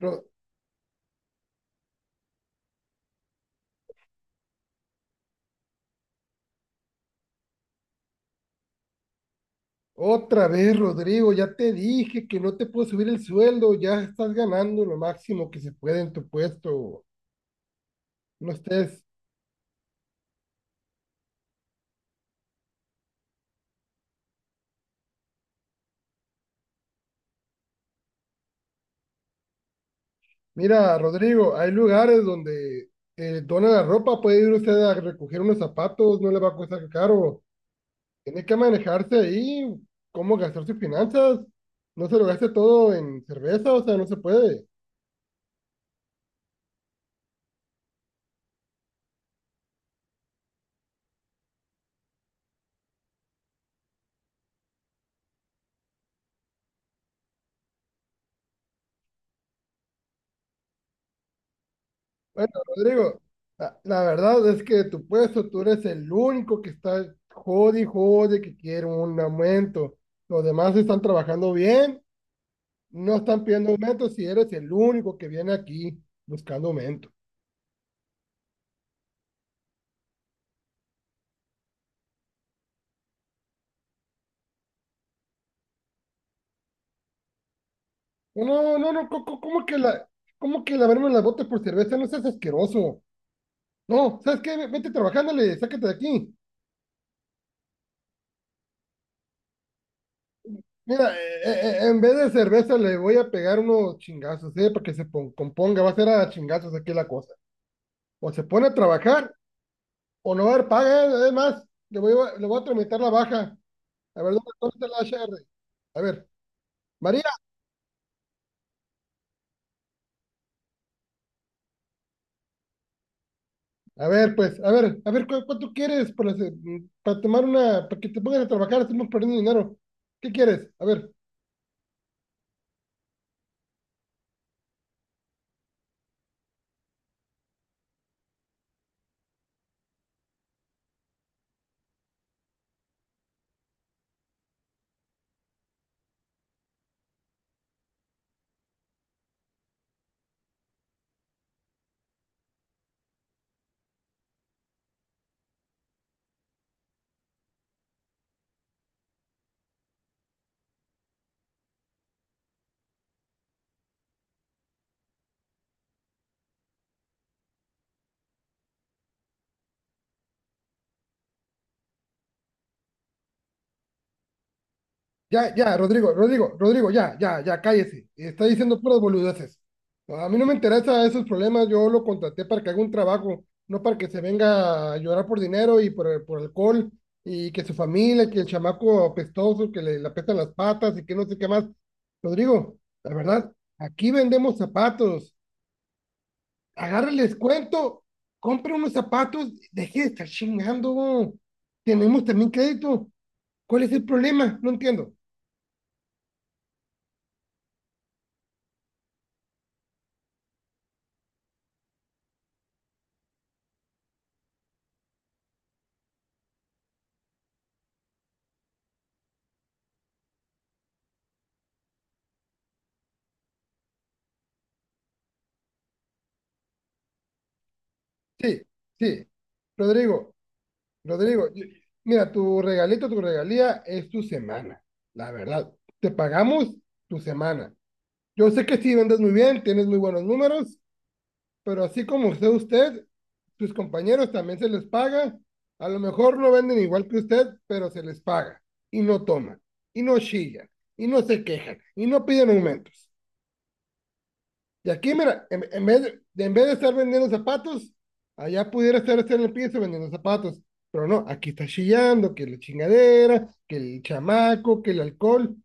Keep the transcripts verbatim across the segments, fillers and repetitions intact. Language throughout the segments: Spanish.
Ro- Otra vez, Rodrigo, ya te dije que no te puedo subir el sueldo, ya estás ganando lo máximo que se puede en tu puesto. No estés. Mira, Rodrigo, hay lugares donde eh, dona la ropa, puede ir usted a recoger unos zapatos, no le va a costar caro. Tiene que manejarse ahí, cómo gastar sus finanzas. No se lo gaste todo en cerveza, o sea, no se puede. Bueno, Rodrigo, la, la verdad es que tu puesto, tú eres el único que está jode y jode que quiere un aumento. Los demás están trabajando bien, no están pidiendo aumento si eres el único que viene aquí buscando aumento. No, no, no, no, co- co- ¿cómo que la, cómo que lavarme las botas por cerveza? No seas asqueroso. No, ¿sabes qué? Ve- Vete trabajándole, sácate de aquí. Mira, eh, eh, eh, en vez de cerveza le voy a pegar unos chingazos, ¿eh? Para que se pon- componga, va a ser a chingazos aquí la cosa o se pone a trabajar. O no va a haber paga, eh, además, le voy a, le voy a tramitar la baja. A ver, ¿dónde dónde está la H R? A ver, María, a ver, pues, a ver, a ver, ¿cu- ¿cuánto quieres para, hacer- para tomar una, para que te pongas a trabajar? Estamos perdiendo dinero. ¿Qué quieres? A ver, ya, ya, Rodrigo, Rodrigo, Rodrigo, ya, ya, ya, cállese. Está diciendo puras boludeces. No, a mí no me interesa esos problemas. Yo lo contraté para que haga un trabajo, no para que se venga a llorar por dinero y por, por alcohol y que su familia, que el chamaco apestoso, que le, le apestan las patas y que no sé qué más. Rodrigo, la verdad, aquí vendemos zapatos. Agarre el descuento, compre unos zapatos, deje de estar chingando. Tenemos también crédito. ¿Cuál es el problema? No entiendo. Sí, sí. Rodrigo, Rodrigo, yo- mira, tu regalito, tu regalía es tu semana, la verdad. Te pagamos tu semana. Yo sé que sí vendes muy bien, tienes muy buenos números, pero así como usted, usted, sus compañeros también se les paga. A lo mejor no venden igual que usted, pero se les paga. Y no toman, y no chillan, y no se quejan, y no piden aumentos. Y aquí, mira, en, en vez de, en vez de estar vendiendo zapatos, allá pudiera estar, estar en el piso vendiendo zapatos. Pero no, aquí está chillando, que la chingadera, que el chamaco, que el alcohol.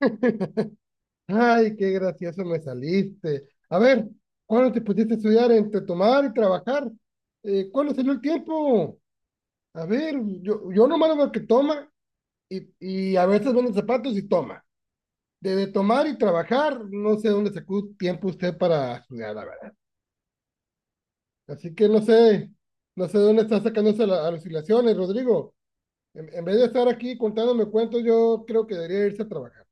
Ay, qué gracioso me saliste. A ver, ¿cuándo te pusiste a estudiar entre tomar y trabajar? Eh, ¿cuándo salió el tiempo? A ver, yo, yo nomás lo veo que toma y, y a veces vende zapatos y toma. De, de tomar y trabajar, no sé dónde sacó tiempo usted para estudiar, la verdad. Así que no sé, no sé dónde están sacándose la- las alucinaciones, Rodrigo. En, en vez de estar aquí contándome cuentos, yo creo que debería irse a trabajar.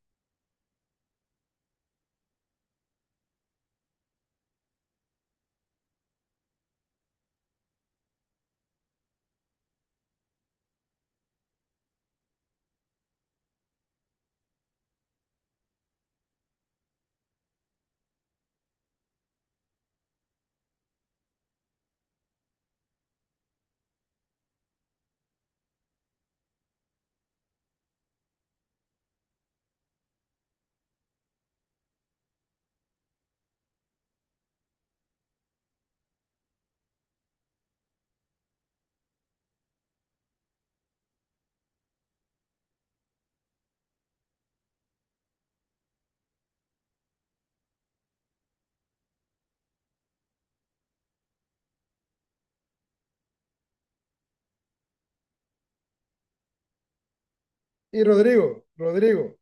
Y Rodrigo, Rodrigo,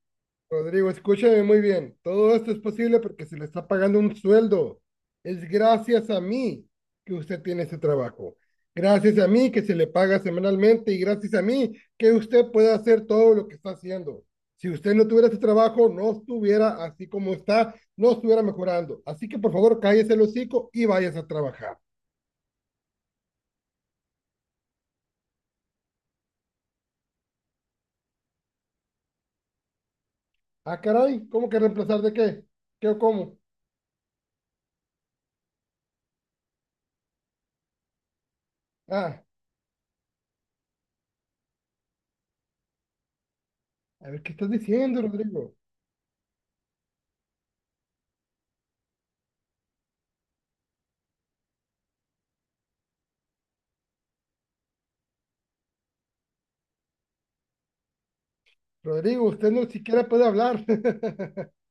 Rodrigo, escúchame muy bien. Todo esto es posible porque se le está pagando un sueldo. Es gracias a mí que usted tiene ese trabajo. Gracias a mí que se le paga semanalmente y gracias a mí que usted puede hacer todo lo que está haciendo. Si usted no tuviera ese trabajo, no estuviera así como está, no estuviera mejorando. Así que por favor, cállese el hocico y váyase a trabajar. Ah, caray, ¿cómo que reemplazar de qué? ¿Qué o cómo? Ah, a ver, ¿qué estás diciendo, Rodrigo? Rodrigo, usted no siquiera puede hablar.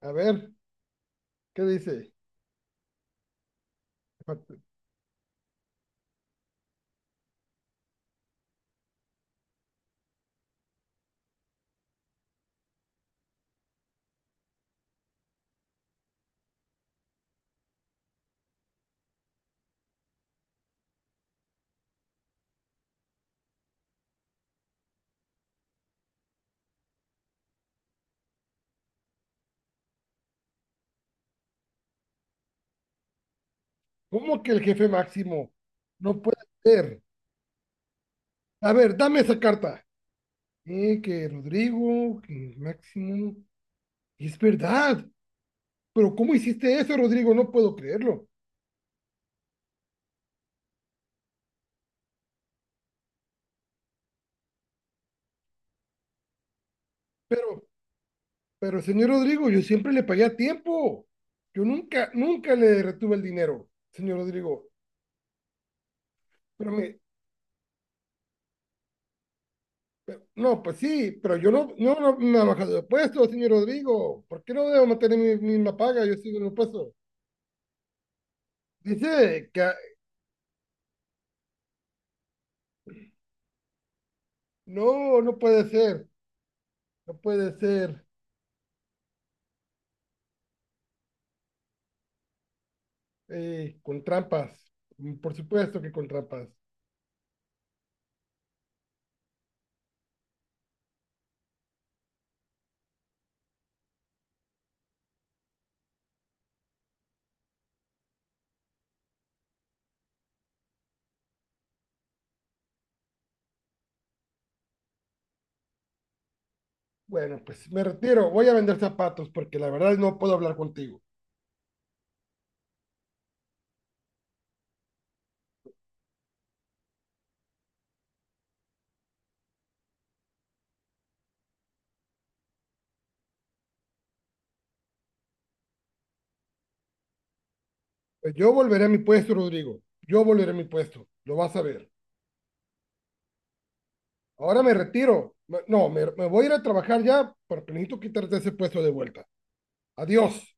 A ver, ¿qué dice? ¿Cómo que el jefe máximo? No puede ser. A ver, dame esa carta. Eh, que Rodrigo, que Máximo. Es verdad. Pero ¿cómo hiciste eso, Rodrigo? No puedo creerlo. Pero, pero, señor Rodrigo, yo siempre le pagué a tiempo. Yo nunca, nunca le retuve el dinero, señor Rodrigo. Pero me, no, pues sí, pero yo no, no, no me ha bajado de puesto, señor Rodrigo. ¿Por qué no debo mantener mi misma paga? Yo sigo en el puesto. Dice que no, no puede ser, no puede ser. Eh, con trampas, mm, por supuesto que con trampas. Bueno, pues me retiro, voy a vender zapatos porque la verdad no puedo hablar contigo. Pues yo volveré a mi puesto, Rodrigo. Yo volveré a mi puesto, lo vas a ver. Ahora me retiro. Me- No, me, me voy a ir a trabajar ya, pero necesito quitarte ese puesto de vuelta. Adiós.